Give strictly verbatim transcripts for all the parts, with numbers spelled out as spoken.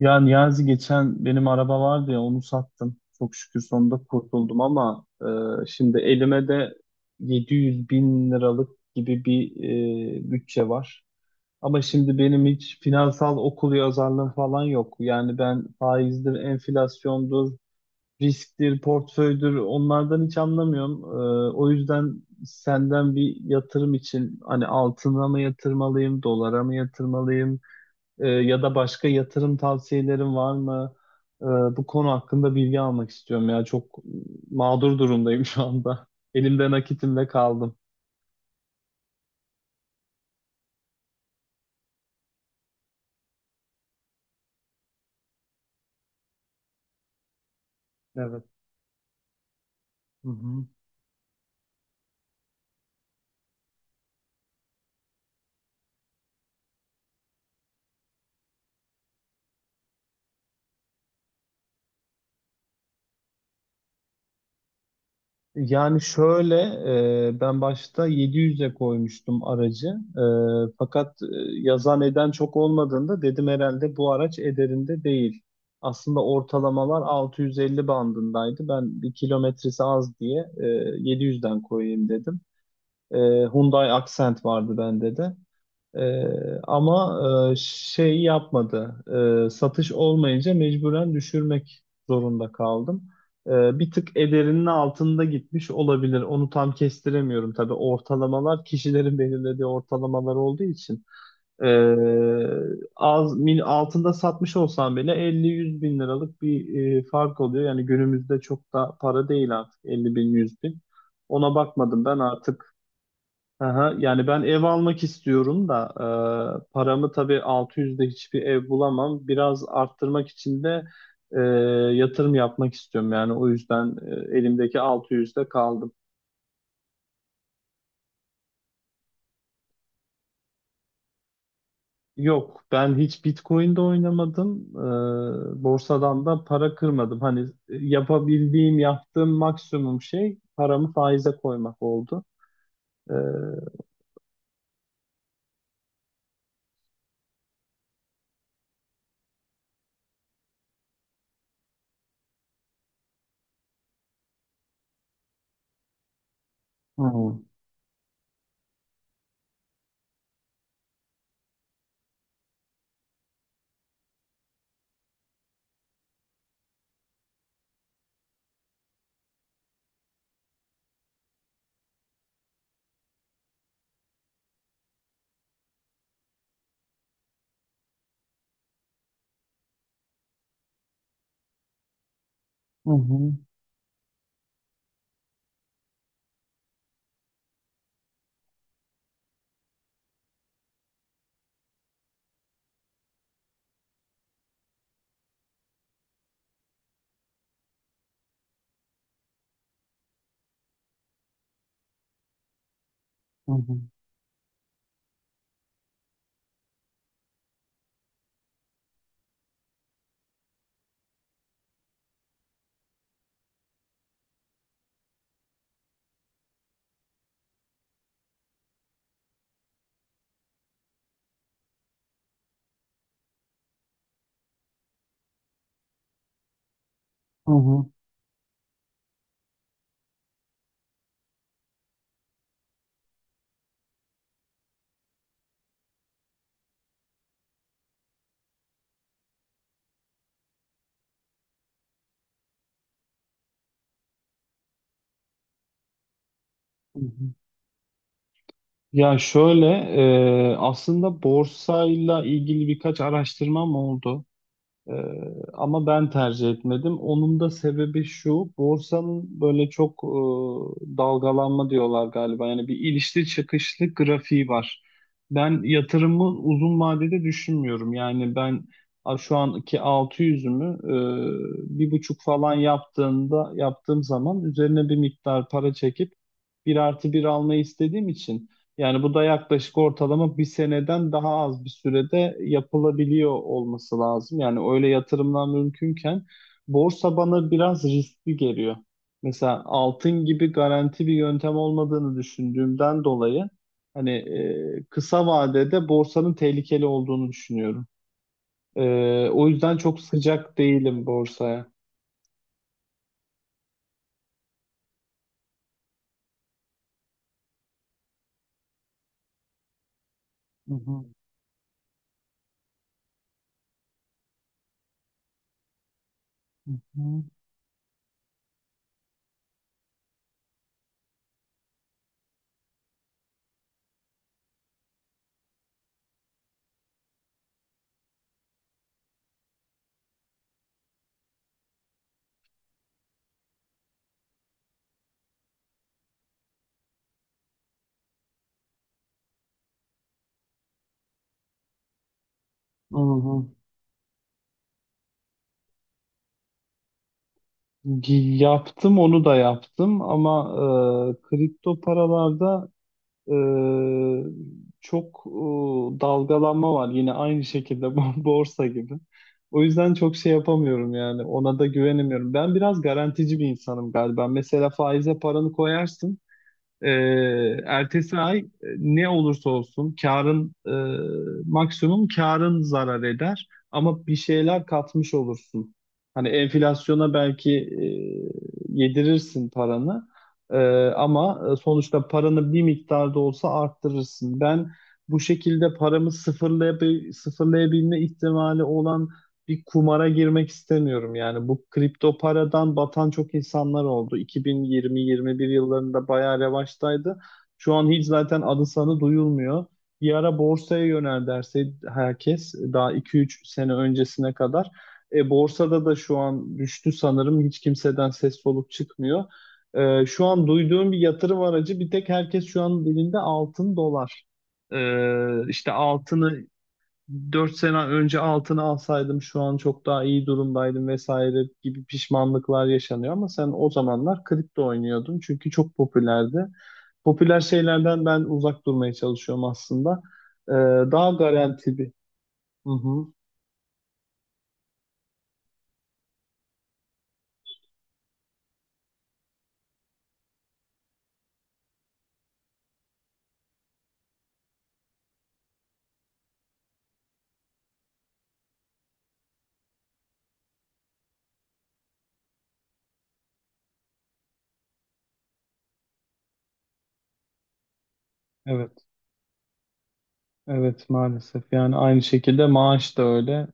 Ya Niyazi geçen benim araba vardı ya onu sattım. Çok şükür sonunda kurtuldum ama e, şimdi elime de yedi yüz bin liralık gibi bir e, bütçe var. Ama şimdi benim hiç finansal okul yazarlığım falan yok. Yani ben faizdir, enflasyondur, risktir, portföydür onlardan hiç anlamıyorum. E, o yüzden senden bir yatırım için hani altına mı yatırmalıyım, dolara mı yatırmalıyım? Ee, ya da başka yatırım tavsiyelerin var mı? Ee, Bu konu hakkında bilgi almak istiyorum ya. Çok mağdur durumdayım şu anda. Elimde nakitimle kaldım. Evet. Hı hı. Yani şöyle, e, ben başta yedi yüze koymuştum aracı. E, fakat e, yazan eden çok olmadığında dedim herhalde bu araç ederinde değil. Aslında ortalamalar altı yüz elli bandındaydı. Ben bir kilometresi az diye e, yedi yüzden koyayım dedim. E, Hyundai Accent vardı bende de. E, ama e, şey yapmadı. E, satış olmayınca mecburen düşürmek zorunda kaldım. E, bir tık ederinin altında gitmiş olabilir. Onu tam kestiremiyorum tabii. Ortalamalar kişilerin belirlediği ortalamalar olduğu için. E, Az mil, altında satmış olsam bile elli yüz bin liralık bir e, fark oluyor. Yani günümüzde çok da para değil artık elli bin yüz bin. Ona bakmadım ben artık. Aha, yani ben ev almak istiyorum da e, paramı tabii altı yüzde hiçbir ev bulamam. Biraz arttırmak için de e, yatırım yapmak istiyorum. Yani o yüzden e, elimdeki altı yüzde kaldım. Yok, ben hiç Bitcoin'de oynamadım. E, borsadan da para kırmadım. Hani yapabildiğim, yaptığım maksimum şey paramı faize koymak oldu. E, Hı hı hı hı hı hı. Hı. Hı. Ya şöyle, e, aslında borsayla ilgili birkaç araştırmam oldu. E, Ama ben tercih etmedim. Onun da sebebi şu, borsanın böyle çok e, dalgalanma diyorlar galiba. Yani bir ilişli çıkışlı grafiği var. Ben yatırımı uzun vadede düşünmüyorum. Yani ben a- şu anki altı yüzümü e, bir buçuk falan yaptığında yaptığım zaman üzerine bir miktar para çekip bir artı bir almayı istediğim için. Yani bu da yaklaşık ortalama bir seneden daha az bir sürede yapılabiliyor olması lazım. Yani öyle yatırımlar mümkünken borsa bana biraz riskli geliyor. Mesela altın gibi garanti bir yöntem olmadığını düşündüğümden dolayı hani e, kısa vadede borsanın tehlikeli olduğunu düşünüyorum. E, o yüzden çok sıcak değilim borsaya. Hı hı, hı hı, hı hı. Gi- Yaptım onu da yaptım ama e, kripto paralarda Ee, çok e, dalgalanma var yine aynı şekilde bu- borsa gibi. O yüzden çok şey yapamıyorum yani ona da güvenemiyorum. Ben biraz garantici bir insanım galiba. Mesela faize paranı koyarsın. Ee, ertesi ay e, ne olursa olsun karın e, maksimum karın zarar eder ama bir şeyler katmış olursun. Hani enflasyona belki e, yedirirsin paranı. E, Ama e, sonuçta paranı bir miktar da olsa arttırırsın. Ben bu şekilde paramı sıfırlayabil sıfırlayabilme ihtimali olan bir kumara girmek istemiyorum. Yani bu kripto paradan batan çok insanlar oldu. yirmi yirmi-yirmi bir yıllarında bayağı revaçtaydı. Şu an hiç zaten adı sanı duyulmuyor. Bir ara borsaya yönel derse herkes daha iki üç sene öncesine kadar. E, borsada da şu an düştü sanırım. Hiç kimseden ses soluk çıkmıyor. E, şu an duyduğum bir yatırım aracı bir tek herkes şu an dilinde altın dolar. E, işte altını. Dört sene önce altını alsaydım şu an çok daha iyi durumdaydım vesaire gibi pişmanlıklar yaşanıyor ama sen o zamanlar kripto oynuyordun çünkü çok popülerdi. Popüler şeylerden ben uzak durmaya çalışıyorum aslında. Ee, Daha garanti bir. Hı hı. Evet, evet maalesef. Yani aynı şekilde maaş da öyle.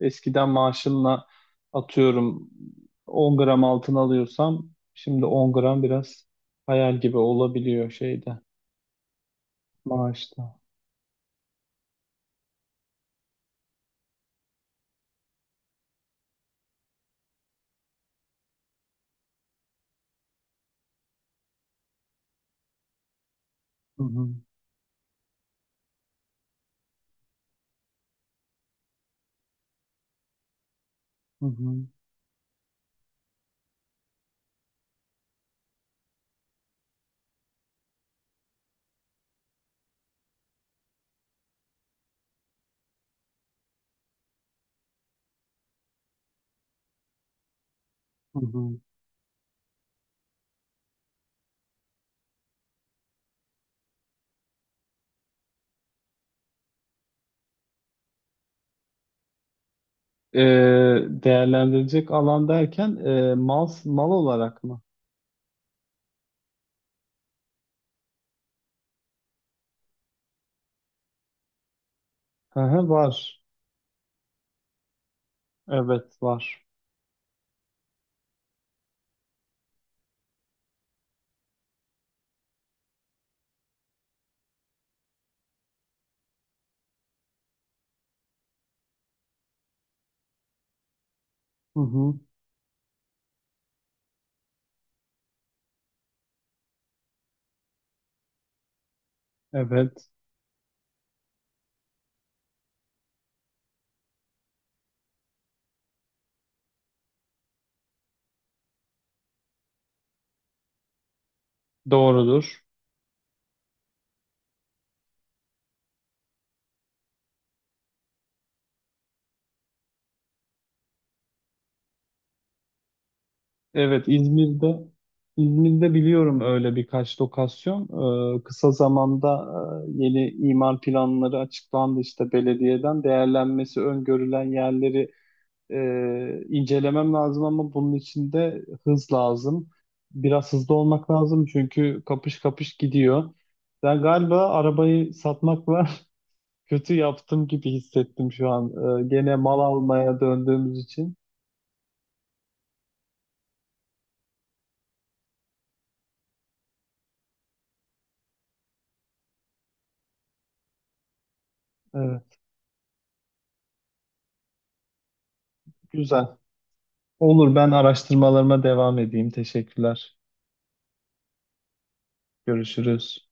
Eskiden maaşımla atıyorum on gram altın alıyorsam şimdi on gram biraz hayal gibi olabiliyor şeyde maaşta. Hı hı. Hı hı, hı hı. Ee, Değerlendirecek alan derken e, mal mal olarak mı? Hı hı, var. Evet var. Hı hı, evet, doğrudur. Evet, İzmir'de. İzmir'de biliyorum öyle birkaç lokasyon. Ee, kısa zamanda e, yeni imar planları açıklandı, işte belediyeden değerlenmesi öngörülen yerleri e, incelemem lazım ama bunun için de hız lazım. Biraz hızlı olmak lazım çünkü kapış kapış gidiyor. Ben galiba arabayı satmakla kötü yaptım gibi hissettim şu an. E, gene mal almaya döndüğümüz için. Evet, güzel. Olur, ben araştırmalarıma devam edeyim. Teşekkürler. Görüşürüz.